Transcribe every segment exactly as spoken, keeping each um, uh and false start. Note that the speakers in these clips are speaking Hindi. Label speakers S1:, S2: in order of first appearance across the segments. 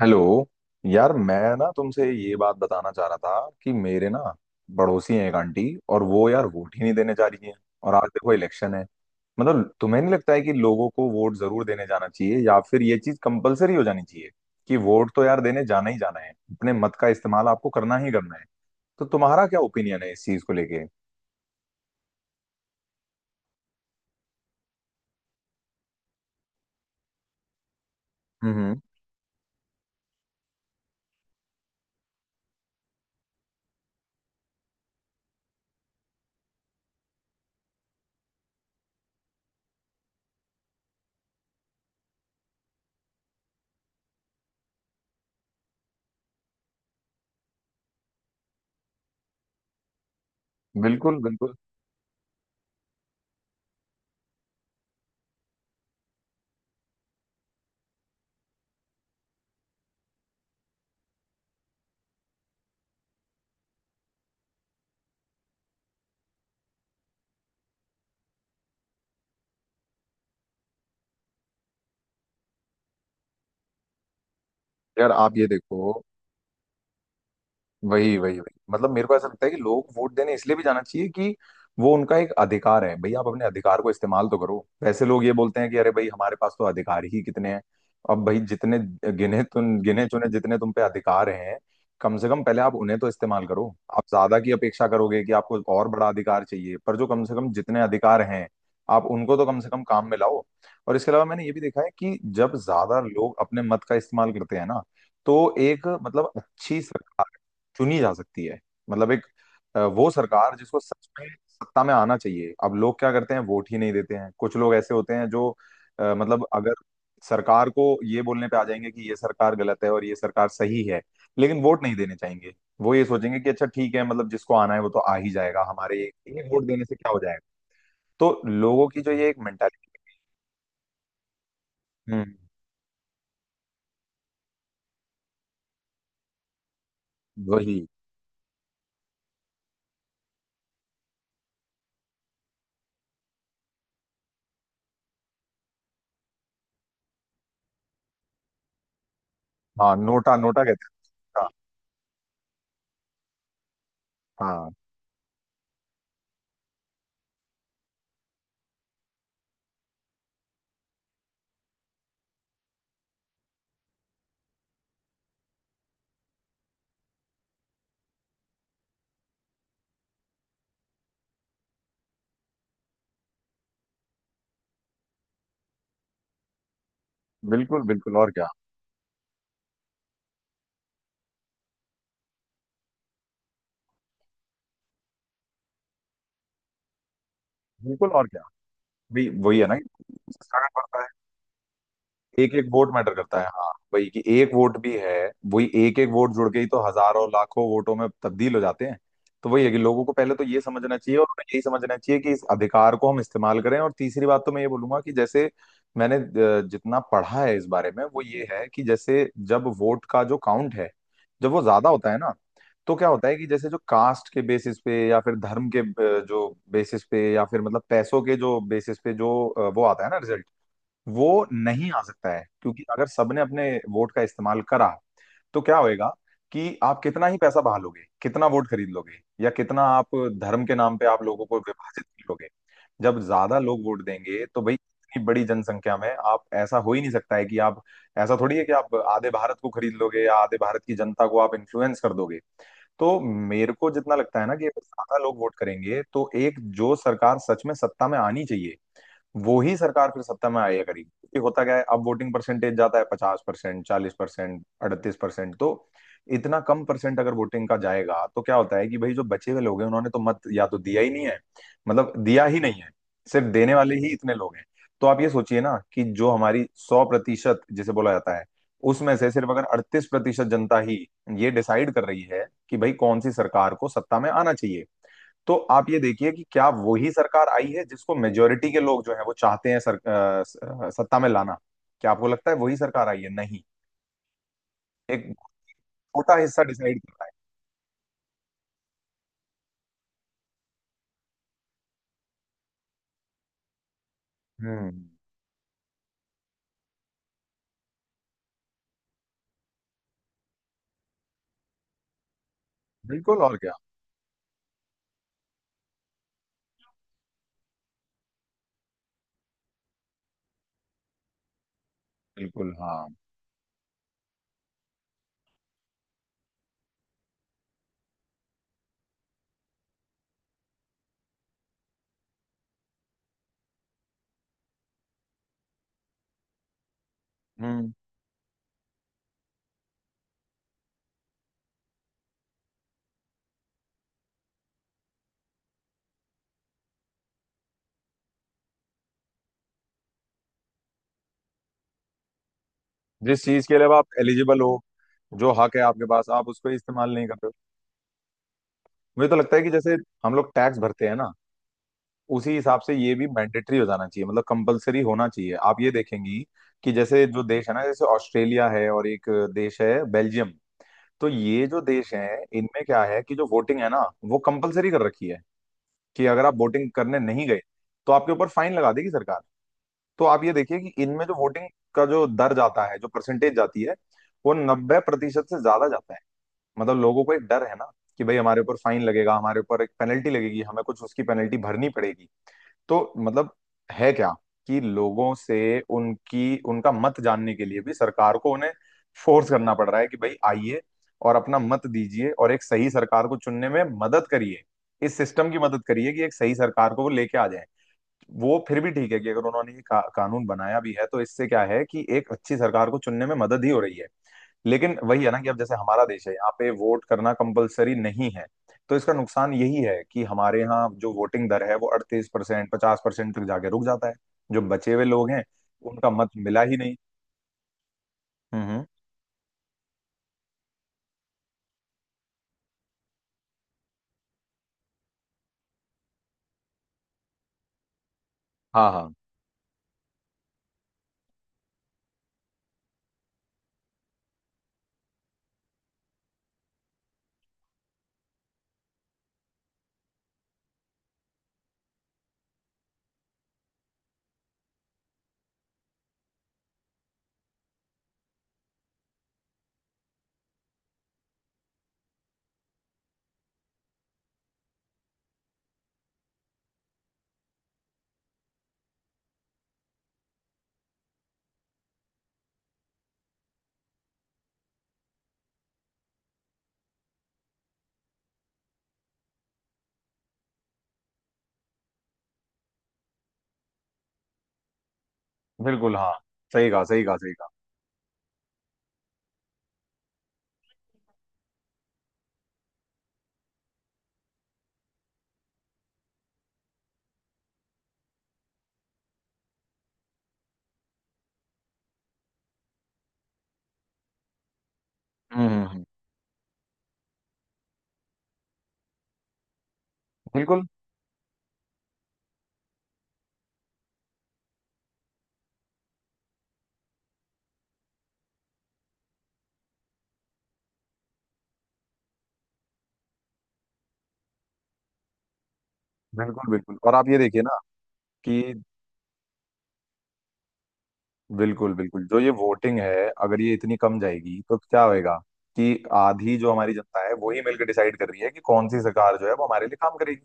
S1: हेलो। यार, मैं ना तुमसे ये बात बताना चाह रहा था कि मेरे ना पड़ोसी हैं एक आंटी। और वो यार वोट ही नहीं देने जा रही हैं। और आज देखो इलेक्शन है। मतलब तुम्हें नहीं लगता है कि लोगों को वोट जरूर देने जाना चाहिए या फिर ये चीज कंपलसरी हो जानी चाहिए, कि वोट तो यार देने जाना ही जाना है, अपने मत का इस्तेमाल आपको करना ही करना है? तो तुम्हारा क्या ओपिनियन है इस चीज को लेके? हम्म, हम्म। बिल्कुल, बिल्कुल। यार, आप ये देखो। वही, वही, वही, मतलब मेरे को ऐसा लगता है कि लोग वोट देने इसलिए भी जाना चाहिए कि वो उनका एक अधिकार है। भाई, आप अपने अधिकार को इस्तेमाल तो करो। वैसे लोग ये बोलते हैं कि अरे भाई हमारे पास तो अधिकार ही कितने हैं। अब भाई, जितने गिने तुम गिने चुने जितने तुम पे अधिकार हैं, कम से कम पहले आप उन्हें तो इस्तेमाल करो। आप ज्यादा की अपेक्षा करोगे कि आपको और बड़ा अधिकार चाहिए, पर जो कम से कम जितने अधिकार हैं आप उनको तो कम से कम काम में लाओ। और इसके अलावा मैंने ये भी देखा है कि जब ज्यादा लोग अपने मत का इस्तेमाल करते हैं ना, तो एक, मतलब अच्छी सरकार चुनी जा सकती है। मतलब एक अ, वो सरकार जिसको सच में सत्ता में आना चाहिए। अब लोग क्या करते हैं? वोट ही नहीं देते हैं। कुछ लोग ऐसे होते हैं जो अ, मतलब अगर सरकार को ये बोलने पे आ जाएंगे कि ये सरकार गलत है और ये सरकार सही है लेकिन वोट नहीं देने चाहेंगे। वो ये सोचेंगे कि अच्छा ठीक है, मतलब जिसको आना है वो तो आ ही जाएगा, हमारे ये वोट देने से क्या हो जाएगा। तो लोगों की जो ये एक मेंटालिटी। हम्म। वही। हाँ, नोटा, नोटा कहते हैं। हाँ। हाँ, बिल्कुल। बिल्कुल और क्या। बिल्कुल और क्या। भाई वही है ना कि सस्ता का पड़ता है। एक एक वोट मैटर करता है। हाँ, वही कि एक वोट भी है। वही, एक एक वोट जुड़ के ही तो हजारों लाखों वोटों में तब्दील हो जाते हैं। तो वही है कि लोगों को पहले तो ये समझना चाहिए और उन्हें यही समझना चाहिए कि इस अधिकार को हम इस्तेमाल करें। और तीसरी बात तो मैं ये बोलूंगा कि जैसे मैंने अ, जितना पढ़ा है इस बारे में वो ये है कि जैसे जब वोट का जो काउंट है, जब वो ज्यादा होता है ना, तो क्या होता है कि जैसे जो कास्ट के बेसिस पे या फिर धर्म के अ, जो बेसिस पे या फिर मतलब पैसों के जो बेसिस पे जो अ, वो आता है ना, वो नहीं आ सकता है। क्योंकि अगर सबने अपने वोट का इस्तेमाल करा तो क्या होएगा, कि आप कितना ही पैसा बहा लोगे, कितना वोट खरीद लोगे, या कितना आप धर्म के नाम पे आप लोगों को विभाजित कर लोगे। जब ज्यादा लोग वोट देंगे तो भाई इतनी बड़ी जनसंख्या में आप, ऐसा हो ही नहीं सकता है कि आप, ऐसा थोड़ी है कि आप आधे भारत को खरीद लोगे या आधे भारत की जनता को आप इन्फ्लुएंस कर दोगे। तो मेरे को जितना लगता है ना कि अगर ज्यादा लोग वोट करेंगे तो एक जो सरकार सच में सत्ता में आनी चाहिए वो ही सरकार फिर सत्ता में आया करेगी। क्योंकि होता क्या है, अब वोटिंग परसेंटेज जाता है पचास परसेंट, चालीस परसेंट, अड़तीस परसेंट, तो इतना कम परसेंट अगर वोटिंग का जाएगा तो क्या होता है कि भाई जो बचे हुए लोग हैं उन्होंने तो मत या तो दिया ही नहीं है। मतलब दिया ही नहीं है, सिर्फ देने वाले ही इतने लोग हैं। तो आप ये सोचिए ना कि जो हमारी सौ प्रतिशत जिसे बोला जाता है उसमें से सिर्फ अगर अड़तीस प्रतिशत जनता ही ये डिसाइड कर रही है कि भाई कौन सी सरकार को सत्ता में आना चाहिए, तो आप ये देखिए कि क्या वही सरकार आई है जिसको मेजोरिटी के लोग जो है वो चाहते हैं सर, अ, स- अ, सत्ता में लाना। क्या आपको लगता है वही सरकार आई है? नहीं। एक छोटा हिस्सा डिसाइड कर रहा है। हम्म। बिल्कुल और क्या। बिल्कुल हाँ। हम्म। जिस चीज के लिए अब आप एलिजिबल हो, जो हक है आपके पास आप उसको इस्तेमाल नहीं करते हो। मुझे तो लगता है कि जैसे हम लोग टैक्स भरते हैं ना, उसी हिसाब से ये भी मैंडेटरी हो जाना चाहिए, मतलब कंपलसरी होना चाहिए। आप ये देखेंगी कि जैसे जो देश है ना, जैसे ऑस्ट्रेलिया है और एक देश है बेल्जियम। तो ये जो देश हैं इनमें क्या है कि जो वोटिंग है ना वो कंपलसरी कर रखी है, कि अगर आप वोटिंग करने नहीं गए तो आपके ऊपर फाइन लगा देगी सरकार। तो आप ये देखिए कि इनमें जो वोटिंग का जो दर जाता है, जो परसेंटेज जाती है, वो नब्बे प्रतिशत से ज्यादा जाता है। मतलब लोगों को एक डर है ना कि भाई हमारे ऊपर फाइन लगेगा, हमारे ऊपर एक पेनल्टी लगेगी, हमें कुछ उसकी पेनल्टी भरनी पड़ेगी। तो मतलब है क्या, कि लोगों से उनकी उनका मत जानने के लिए भी सरकार को उन्हें फोर्स करना पड़ रहा है कि भाई आइए और अपना मत दीजिए और एक सही सरकार को चुनने में मदद करिए, इस सिस्टम की मदद करिए कि एक सही सरकार को वो लेके आ जाए। वो फिर भी ठीक है कि अगर उन्होंने ये का, कानून बनाया भी है तो इससे क्या है कि एक अच्छी सरकार को चुनने में मदद ही हो रही है। लेकिन वही है ना कि अब जैसे हमारा देश है, यहाँ पे वोट करना कंपलसरी नहीं है, तो इसका नुकसान यही है कि हमारे यहाँ जो वोटिंग दर है वो अड़तीस परसेंट, पचास परसेंट तक जाके रुक जाता है। जो बचे हुए लोग हैं उनका मत मिला ही नहीं। हम्म, हम्म, हाँ, हाँ, बिल्कुल हाँ। सही कहा, सही कहा, सही कहा। हम्म, हम्म, हम्म, बिल्कुल, बिल्कुल। बिल्कुल और आप ये देखिए ना कि, बिल्कुल, बिल्कुल, जो ये वोटिंग है अगर ये इतनी कम जाएगी तो क्या होएगा, कि आधी जो हमारी जनता है वही मिलकर डिसाइड कर रही है कि कौन सी सरकार जो है वो हमारे लिए काम करेगी।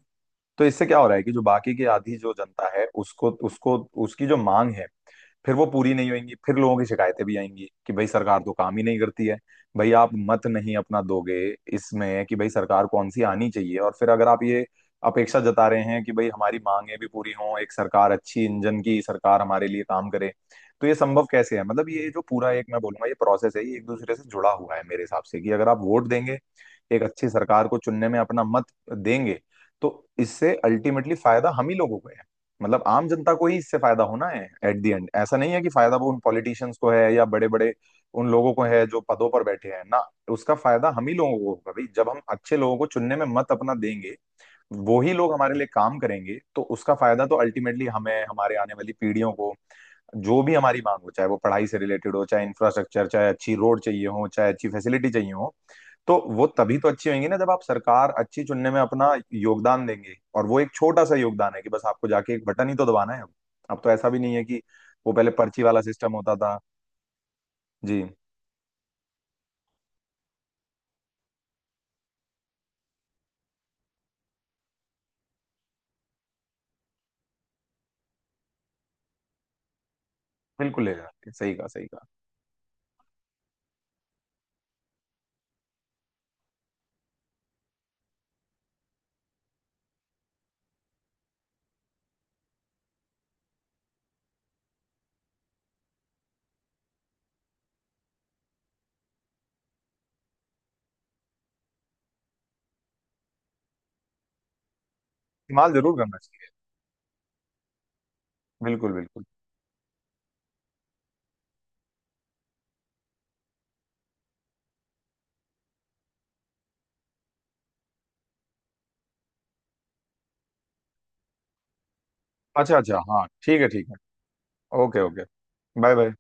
S1: तो इससे क्या हो रहा है कि जो बाकी की आधी जो जनता है उसको उसको उसकी जो मांग है, फिर वो पूरी नहीं होंगी। फिर लोगों की शिकायतें भी आएंगी कि भाई सरकार तो काम ही नहीं करती है। भाई, आप मत नहीं अपना दोगे इसमें कि भाई सरकार कौन सी आनी चाहिए, और फिर अगर आप ये अपेक्षा जता रहे हैं कि भाई हमारी मांगें भी पूरी हों, एक सरकार अच्छी इंजन की सरकार हमारे लिए काम करे, तो ये संभव कैसे है? मतलब ये जो पूरा एक, मैं बोलूंगा ये प्रोसेस है, ये एक दूसरे से जुड़ा हुआ है मेरे हिसाब से, कि अगर आप वोट देंगे, एक अच्छी सरकार को चुनने में अपना मत देंगे, तो इससे अल्टीमेटली फायदा हम ही लोगों को है। मतलब आम जनता को ही इससे फायदा होना है एट द एंड। ऐसा नहीं है कि फायदा वो उन पॉलिटिशियंस को है या बड़े बड़े उन लोगों को है जो पदों पर बैठे हैं ना। उसका फायदा हम ही लोगों को होगा, भाई जब हम अच्छे लोगों को चुनने में मत अपना देंगे वो ही लोग हमारे लिए काम करेंगे, तो उसका फायदा तो अल्टीमेटली हमें, हमारे आने वाली पीढ़ियों को। जो भी हमारी मांग हो, चाहे वो पढ़ाई से रिलेटेड हो, चाहे इंफ्रास्ट्रक्चर, चाहे अच्छी रोड चाहिए हो, चाहे अच्छी फैसिलिटी चाहिए हो, तो वो तभी तो अच्छी होंगी ना जब आप सरकार अच्छी चुनने में अपना योगदान देंगे, और वो एक छोटा सा योगदान है कि बस आपको जाके एक बटन ही तो दबाना है अब। अब तो ऐसा भी नहीं है कि वो पहले पर्ची वाला सिस्टम होता था। जी। बिल्कुल ले जाके, सही कहा, सही कहा। इस्तेमाल जरूर करना चाहिए। बिल्कुल, बिल्कुल। अच्छा, अच्छा, हाँ, ठीक है, ठीक है। Okay, okay. Bye, bye.